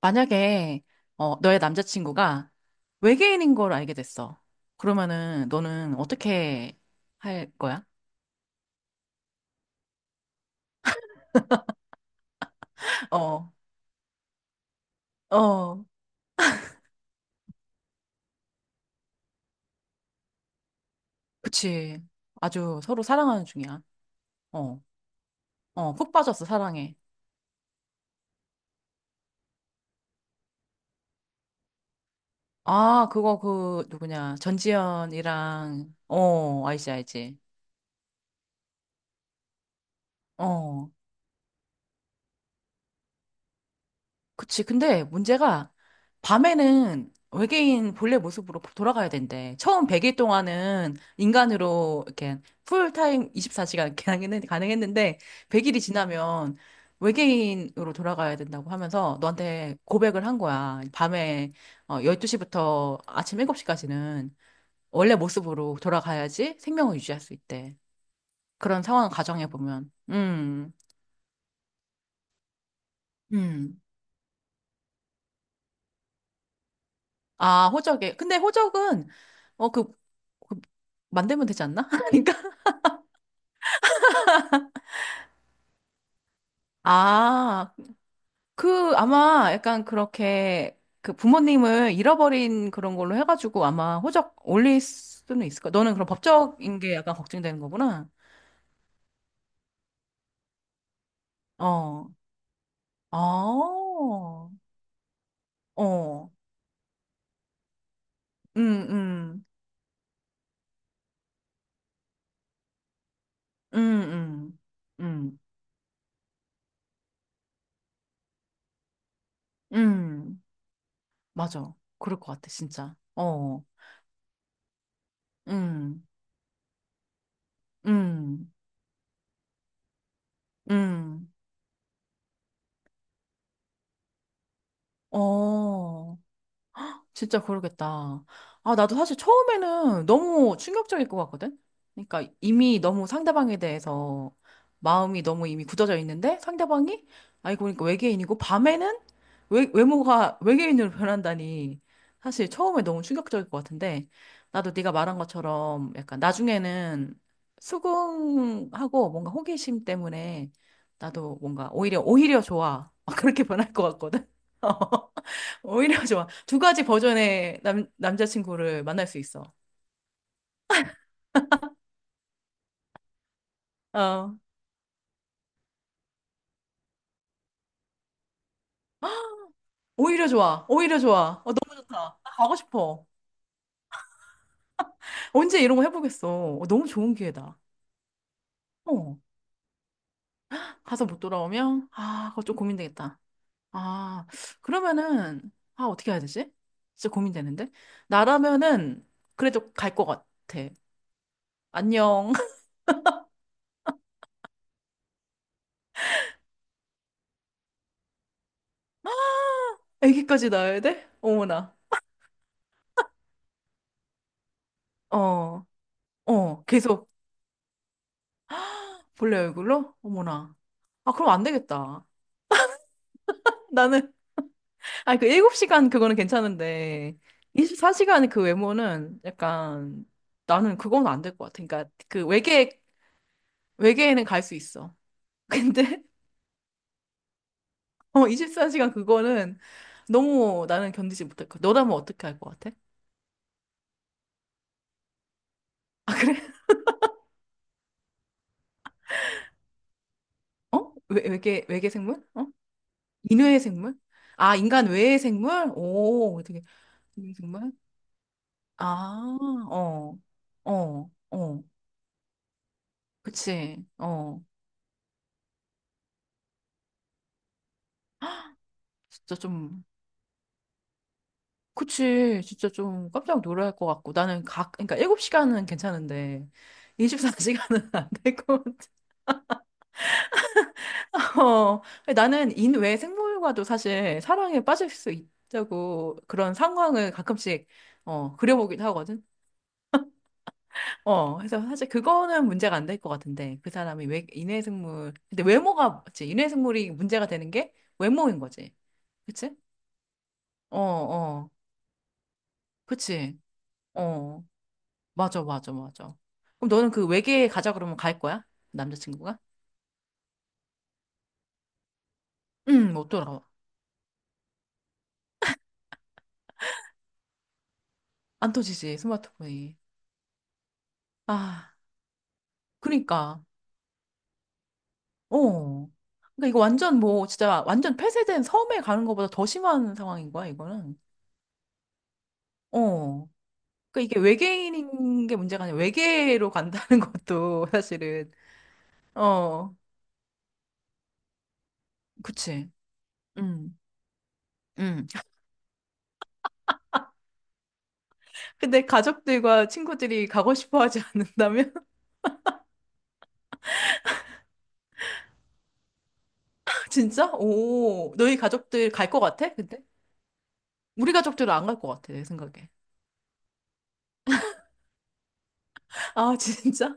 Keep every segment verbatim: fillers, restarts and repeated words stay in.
만약에 어, 너의 남자친구가 외계인인 걸 알게 됐어. 그러면은 너는 어떻게 할 거야? 어, 어, 그치. 아주 서로 사랑하는 중이야. 어, 어, 푹 빠졌어, 사랑해. 아, 그거 그 누구냐? 전지현이랑 어, 알지, 알지. 어. 그치. 근데 문제가 밤에는 외계인 본래 모습으로 돌아가야 된대. 처음 백 일 동안은 인간으로 이렇게 풀타임 스물네 시간 가능했, 가능했는데 백 일이 지나면 외계인으로 돌아가야 된다고 하면서 너한테 고백을 한 거야. 밤에 어, 열두 시부터 아침 일곱 시까지는 원래 모습으로 돌아가야지 생명을 유지할 수 있대. 그런 상황을 가정해 보면. 음. 음. 아, 호적에. 근데 호적은, 어, 그, 그 만들면 되지 않나? 그러니까. 아, 그, 아마 약간 그렇게, 그 부모님을 잃어버린 그런 걸로 해가지고 아마 호적 올릴 수는 있을 거야. 너는 그럼 법적인 게 약간 걱정되는 거구나. 어, 아, 어, 음, 음, 음, 음, 음, 음, 맞아. 그럴 것 같아, 진짜. 어, 음, 음, 음, 어. 진짜 그러겠다. 아, 나도 사실 처음에는 너무 충격적일 것 같거든? 그러니까 이미 너무 상대방에 대해서 마음이 너무 이미 굳어져 있는데 상대방이, 아이고, 그러니까 외계인이고 밤에는 외, 외모가 외계인으로 변한다니. 사실 처음에 너무 충격적일 것 같은데 나도 네가 말한 것처럼 약간 나중에는 수긍하고 뭔가 호기심 때문에 나도 뭔가 오히려, 오히려 좋아. 그렇게 변할 것 같거든? 오히려 좋아. 두 가지 버전의 남, 남자친구를 만날 수 있어. 어, 오히려 좋아. 오히려 좋아. 어, 너무 좋다. 나 가고 싶어. 언제 이런 거 해보겠어. 어, 너무 좋은 기회다. 어, 가서 못 돌아오면, 아, 그거 좀 고민되겠다. 아, 그러면은, 아, 어떻게 해야 되지? 진짜 고민되는데? 나라면은, 그래도 갈 것 같아. 안녕. 애기까지 낳아야 돼? 어머나. 어, 어, 계속 본래 얼굴로? 어머나. 아, 그럼 안 되겠다. 나는 아, 그 일곱 시간 그거는 괜찮은데, 스물네 시간 그 외모는 약간, 나는 그건 안 될 것 같아. 그러니까 그 외계, 외계에는 갈 수 있어. 근데, 어, 스물네 시간 그거는 너무 나는 견디지 못할 것 같아. 너라면 어떻게 할 것 같아? 아, 그래? 어? 외, 외계, 외계 생물? 어? 인외의 생물? 아, 인간 외의 생물? 오, 되게, 외의 생물? 아, 어, 어, 어. 그치, 어. 진짜 좀 그치. 진짜 좀 깜짝 놀랄 것 같고. 나는 각, 그러니까 일곱 시간은 괜찮은데, 스물네 시간은 안 될 것 같아. 어, 나는 인외 생물과도 사실 사랑에 빠질 수 있다고 그런 상황을 가끔씩, 어, 그려보기도 하거든. 어, 그래서 사실 그거는 문제가 안 될 것 같은데, 그 사람이 왜 인외 생물, 근데 외모가, 그치. 인외 생물이 문제가 되는 게 외모인 거지. 그치? 어, 어. 그치. 어. 맞아, 맞아, 맞아. 그럼 너는 그 외계에 가자 그러면 갈 거야? 남자친구가? 응, 못 돌아와. 안 터지지, 스마트폰이. 아, 그니까. 어. 그러니까 이거 완전 뭐, 진짜 완전 폐쇄된 섬에 가는 것보다 더 심한 상황인 거야, 이거는. 어. 그러니까 이게 외계인인 게 문제가 아니라 외계로 간다는 것도 사실은. 어, 그치. 응. 응. 근데 가족들과 친구들이 가고 싶어 하지 않는다면? 진짜? 오, 너희 가족들 갈 것 같아? 근데? 우리 가족들은 안 갈 것 같아, 내 생각에. 아, 진짜?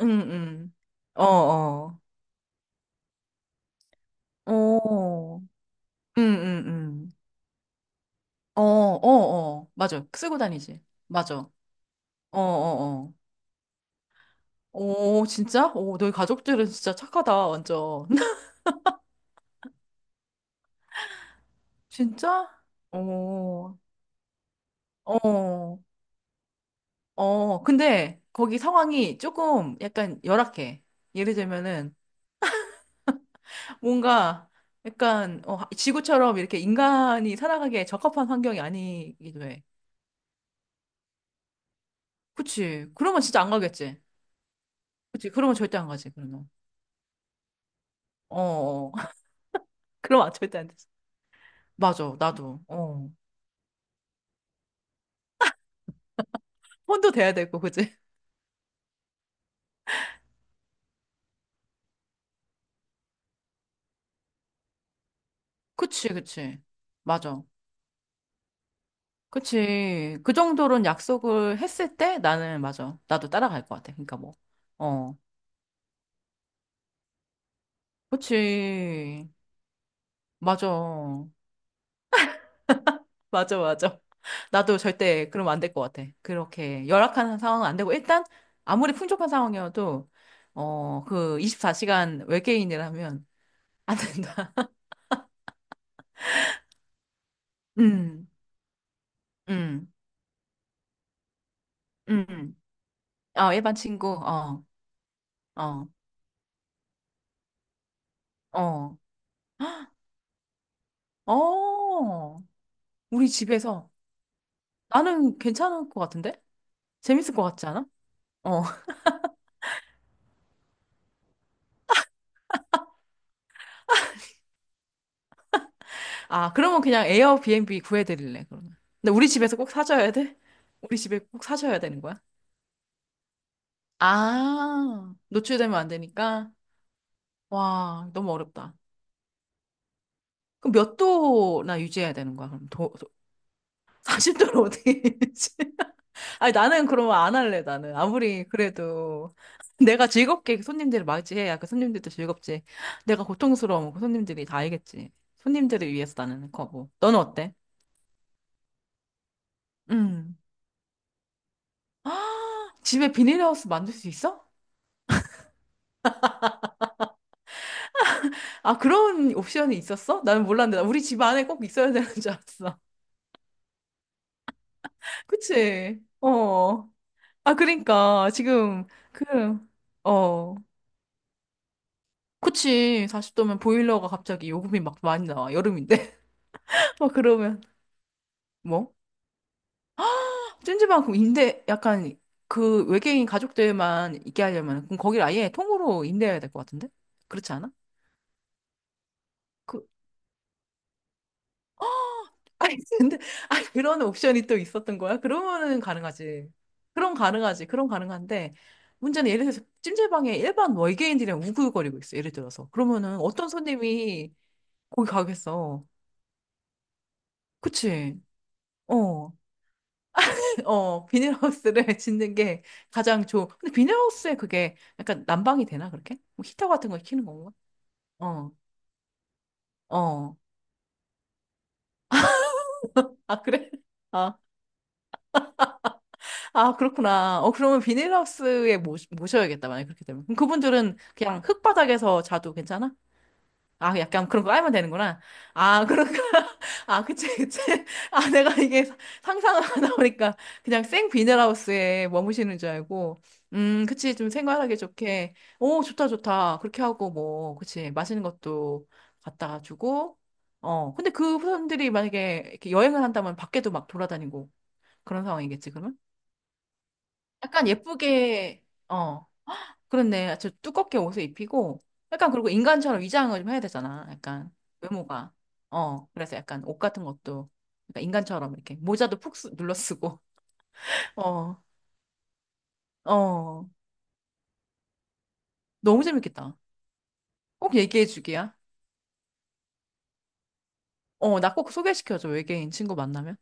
응, 응. 어, 어. 어, 응, 응, 응. 어, 어, 어. 맞아. 쓰고 다니지. 맞아. 어, 어, 어. 오, 진짜? 오, 너희 가족들은 진짜 착하다, 완전. 진짜? 어, 어, 어. 근데 거기 상황이 조금 약간 열악해. 예를 들면은 뭔가 약간 어, 지구처럼 이렇게 인간이 살아가기에 적합한 환경이 아니기도 해. 그치. 그러면 진짜 안 가겠지. 그치. 그러면 절대 안 가지, 그러면. 어, 어. 그럼 안- 절대 안 되지. 맞아, 나도. 어. 혼도 돼야 되고, 그치? 그치, 그치. 맞아. 그치. 그 정도로는 약속을 했을 때 나는, 맞아. 나도 따라갈 것 같아. 그러니까 뭐. 어. 그치. 맞아. 맞아, 맞아. 나도 절대 그러면 안 될 것 같아. 그렇게 열악한 상황은 안 되고, 일단, 아무리 풍족한 상황이어도, 어, 그 스물네 시간 외계인이라면 안 된다. 음, 음, 음. 어, 일반 친구, 어, 어, 어, 어. 우리 집에서 나는 괜찮을 것 같은데? 재밌을 것 같지 않아? 어. 아, 그러면 그냥 에어비앤비 구해드릴래, 그러면. 근데 우리 집에서 꼭 사줘야 돼? 우리 집에 꼭 사줘야 되는 거야? 아, 노출되면 안 되니까? 와, 너무 어렵다. 그럼 몇 도나 유지해야 되는 거야, 그럼? 도, 사십 도로 어떻게 유지? 아니, 나는 그러면 안 할래, 나는. 아무리 그래도 내가 즐겁게 손님들을 맞이해야 그 손님들도 즐겁지. 내가 고통스러우면 그 손님들이 다 알겠지. 손님들을 위해서 나는 거고. 너는 어때? 음. 집에 비닐하우스 만들 수 있어? 아, 그런 옵션이 있었어? 나는 몰랐는데. 나 우리 집 안에 꼭 있어야 되는 줄 알았어. 그치? 어. 아, 그러니까 지금 그 어. 그치. 사십 도면 보일러가 갑자기 요금이 막 많이 나와. 여름인데. 막 그러면 뭐? 찜질방 그럼 임대 약간 그 외계인 가족들만 있게 하려면 그럼 거기를 아예 통으로 임대해야 될 것 같은데? 그렇지 않아? 그 아니 근데 아 그런 옵션이 또 있었던 거야? 그러면은 가능하지. 그럼 가능하지. 그럼 가능한데 문제는 예를 들어서 찜질방에 일반 외계인들이랑 우글거리고 있어. 예를 들어서 그러면은 어떤 손님이 거기 가겠어? 그치? 어, 어, 비닐하우스를 짓는 게 가장 좋. 근데 비닐하우스에 그게 약간 난방이 되나 그렇게? 뭐 히터 같은 걸 켜는 건가? 어, 어. 아, 그래? 아, 아, 그렇구나. 어, 그러면 비닐하우스에 모, 모셔야겠다, 만약에 그렇게 되면. 그럼 그분들은 그냥 흙바닥에서 자도 괜찮아? 아, 약간 그런 거 알면 되는구나. 아, 그런가? 아, 그치, 그치. 아, 내가 이게 사- 상상을 하다 보니까 그냥 생 비닐하우스에 머무시는 줄 알고. 음, 그치. 좀 생활하기 좋게. 오, 좋다, 좋다. 그렇게 하고 뭐, 그치. 맛있는 것도 갖다가 주고. 어, 근데 그 사람들이 만약에 이렇게 여행을 한다면 밖에도 막 돌아다니고 그런 상황이겠지, 그러면? 약간 예쁘게, 어, 그렇네. 저 두껍게 옷을 입히고, 약간 그리고 인간처럼 위장을 좀 해야 되잖아. 약간 외모가. 어, 그래서 약간 옷 같은 것도 약간 인간처럼 이렇게 모자도 푹 쓰- 눌러 쓰고. 어, 어. 너무 재밌겠다. 꼭 얘기해 주기야. 어, 나 꼭 소개시켜줘. 외계인 친구 만나면.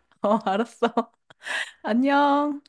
어, 알았어. 안녕.